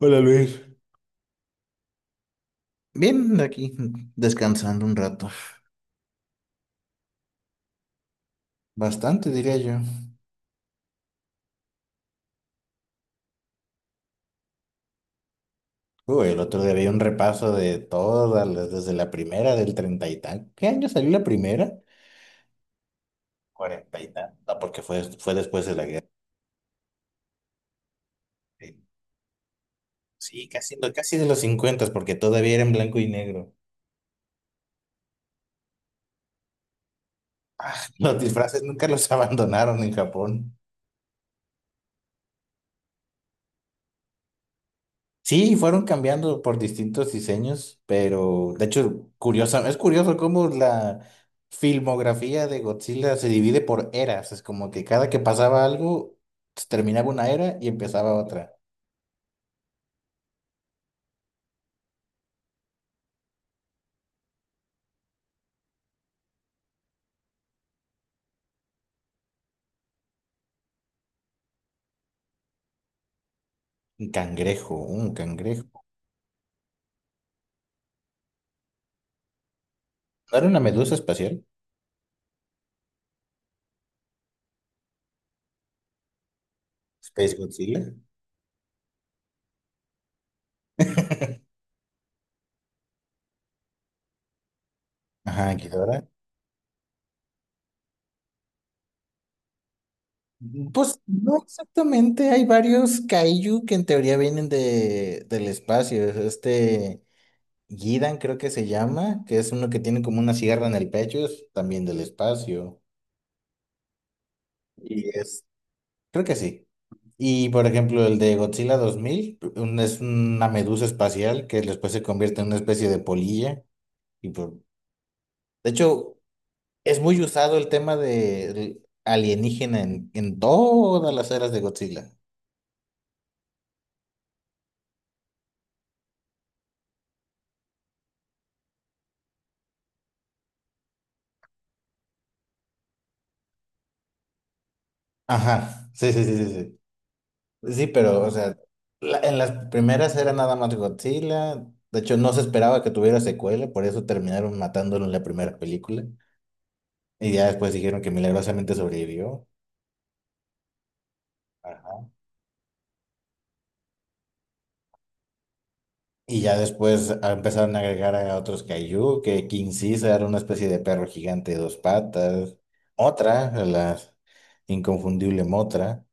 Hola, Luis. Bien, aquí, descansando un rato. Bastante, diría yo. Uy, el otro día vi un repaso de todas, las- desde la primera del treinta y tal. ¿Qué año salió la primera? Cuarenta y tal. No, porque fue después de la guerra. Sí, casi, no, casi de los cincuentas, porque todavía era en blanco y negro. Ah, los disfraces nunca los abandonaron en Japón. Sí, fueron cambiando por distintos diseños, pero de hecho, curiosa, es curioso cómo la filmografía de Godzilla se divide por eras. Es como que cada que pasaba algo, se terminaba una era y empezaba otra. Un cangrejo, un cangrejo. ¿No era una medusa espacial? Space Godzilla. Ajá, Ghidorah. Pues no exactamente, hay varios kaiju que en teoría vienen de, del espacio. Este. Gidan creo que se llama, que es uno que tiene como una sierra en el pecho, es también del espacio. Y es, creo que sí. Y por ejemplo, el de Godzilla 2000 un- es una medusa espacial que después se convierte en una especie de polilla. Y por... De hecho, es muy usado el tema de alienígena en todas las eras de Godzilla. Ajá, sí, sí, sí, sí, sí. Pues sí, pero, o sea, la- en las primeras era nada más Godzilla. De hecho, no se esperaba que tuviera secuela, por eso terminaron matándolo en la primera película. Y ya después dijeron que milagrosamente sobrevivió. Ajá. Y ya después empezaron a agregar a otros Kaiju, que King Caesar, una especie de perro gigante de dos patas. Otra, la inconfundible Motra.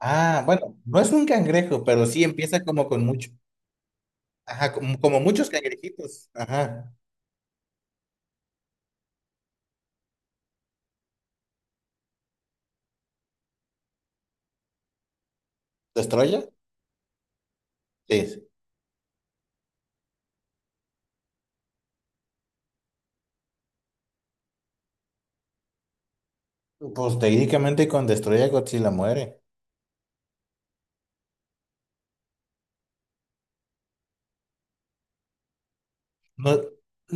Ah, bueno, no es un cangrejo, pero sí empieza como con mucho. Ajá, como, como muchos cangrejitos. Ajá. ¿Destroya? Sí, pues técnicamente con Destruye a Godzilla muere. No,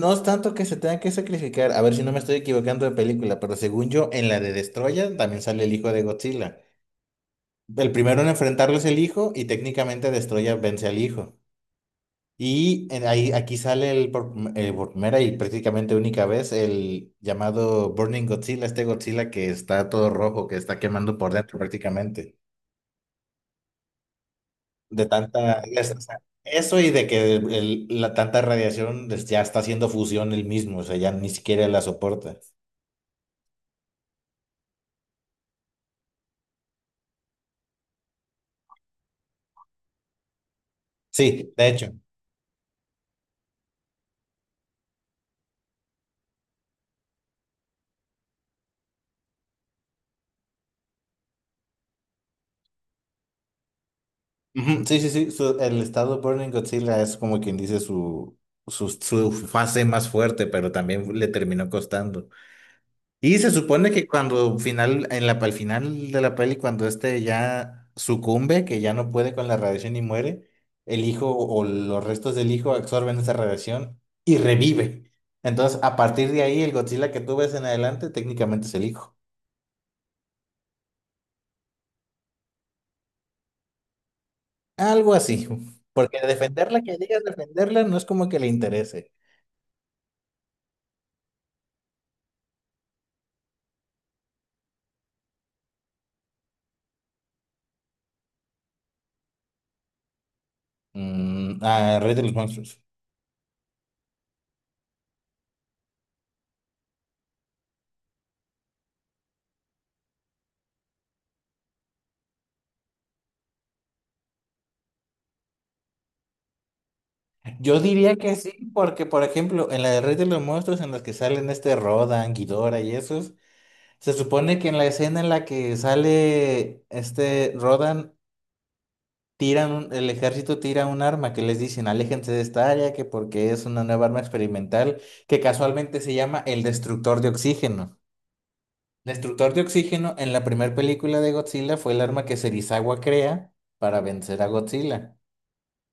no es tanto que se tenga que sacrificar. A ver si no me estoy equivocando de película, pero según yo, en la de Destroya también sale el hijo de Godzilla. El primero en enfrentarlo es el hijo y técnicamente Destroya vence al hijo. Y en- ahí, aquí sale el por primera y prácticamente única vez el llamado Burning Godzilla, este Godzilla que está todo rojo, que está quemando por dentro prácticamente. De tanta, es- o sea, eso y de que el- la tanta radiación pues, ya está haciendo fusión el mismo, o sea, ya ni siquiera la soporta. Sí, de hecho. Ujú, sí, sí, sí, su- el estado Burning Godzilla es como quien dice su fase más fuerte, pero también le terminó costando. Y se supone que cuando final, en la, al final de la peli, cuando este ya sucumbe, que ya no puede con la radiación y muere, el hijo o los restos del hijo absorben esa radiación y revive. Entonces, a partir de ahí, el Godzilla que tú ves en adelante técnicamente es el hijo. Algo así. Porque defenderla, que digas defenderla, no es como que le interese. Mm, a Rey de los Monstruos. Yo diría que sí, porque, por ejemplo, en la de Rey de los Monstruos, en las que salen este Rodan, Ghidorah y esos. Se supone que en la escena en la que sale este Rodan, tiran un- el ejército tira un arma que les dicen, aléjense de esta área, que porque es una nueva arma experimental, que casualmente se llama el destructor de oxígeno. Destructor de oxígeno en la primera película de Godzilla fue el arma que Serizawa crea para vencer a Godzilla.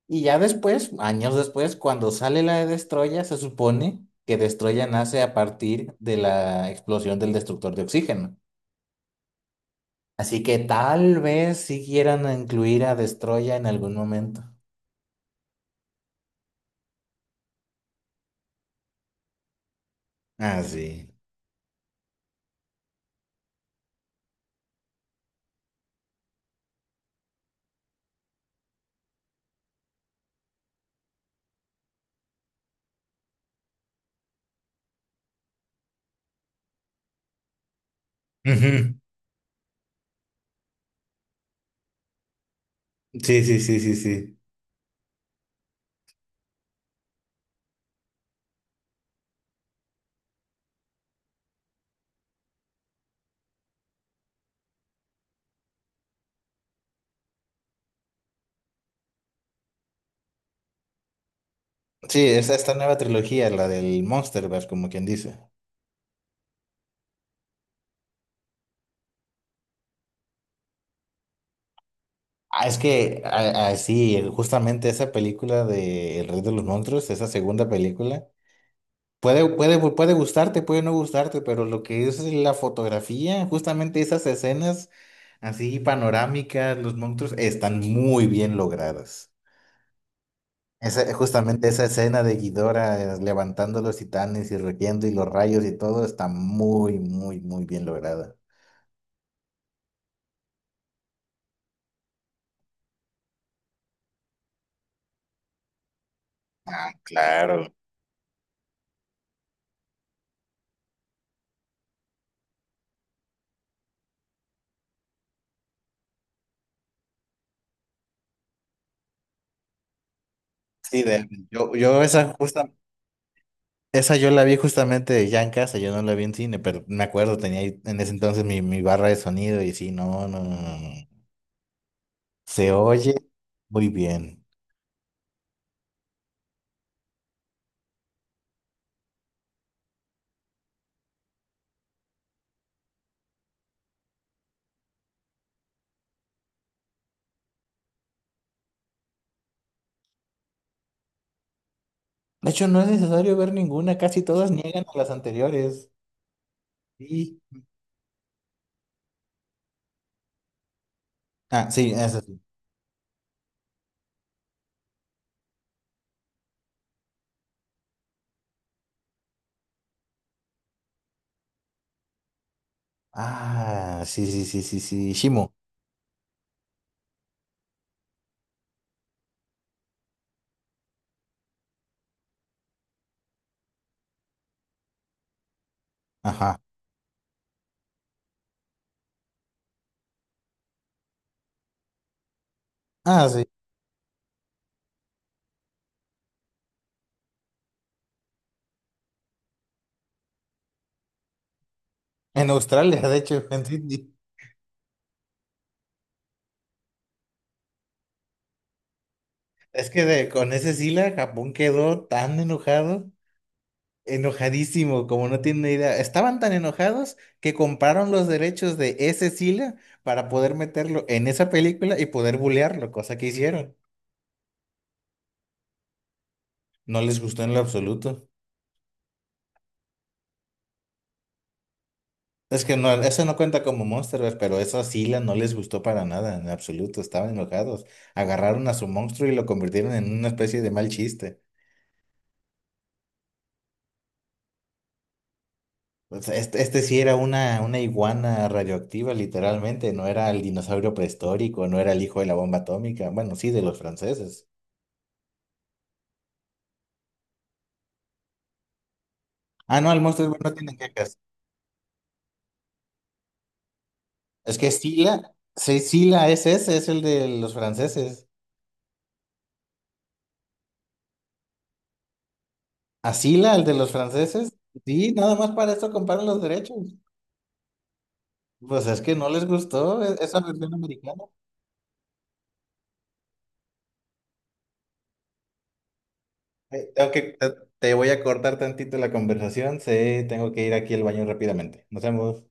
Y ya después, años después, cuando sale la de Destroya, se supone que Destroya nace a partir de la explosión del destructor de oxígeno. Así que tal vez si quieran incluir a Destroya en algún momento. Ah, sí. Ujú. Sí, sí, sí, sí, sí. Sí, es esta nueva trilogía, la del Monsterverse, como quien dice. Ah, es que, a- sí, justamente esa película de El Rey de los Monstruos, esa segunda película, puede, puede, puede gustarte, puede no gustarte, pero lo que es la fotografía, justamente esas escenas así panorámicas, los monstruos, están muy bien logradas. Esa- justamente esa escena de Ghidorah levantando los titanes y rugiendo y los rayos y todo está muy, muy, muy bien lograda. Ah, claro. Sí, de- yo esa justa, esa yo la vi justamente de ya en casa, yo no la vi en cine, pero me acuerdo, tenía ahí en ese entonces mi barra de sonido y sí, no, no, no, no, no. Se oye muy bien. De hecho, no es necesario ver ninguna, casi todas niegan a las anteriores. Sí. Ah, sí, esa sí. Ah, sí, sí, sí, sí, sí. Shimo. Ajá. Ah, sí, en Australia, de hecho, en Sydney. Es que de- con ese Sila, Japón quedó tan enojado, enojadísimo, como no tiene idea. Estaban tan enojados que compraron los derechos de ese Sila para poder meterlo en esa película y poder bulearlo, cosa que hicieron. No les gustó en lo absoluto. Es que no, eso no cuenta como Monsterverse, pero esa Sila no les gustó para nada, en absoluto. Estaban enojados. Agarraron a su monstruo y lo convirtieron en una especie de mal chiste. Pues este sí era una iguana radioactiva, literalmente. No era el dinosaurio prehistórico, no era el hijo de la bomba atómica. Bueno, sí, de los franceses. Ah, no, el monstruo es- bueno, no tienen quejas. Es que Sila, sí, Sila es ese, es el de los franceses. A Sila, el de los franceses, sí, nada más para esto comparan los derechos. Pues es que no les gustó e- esa versión americana. Tengo que- te te voy a cortar tantito la conversación. Sí, tengo que ir aquí al baño rápidamente. Nos vemos.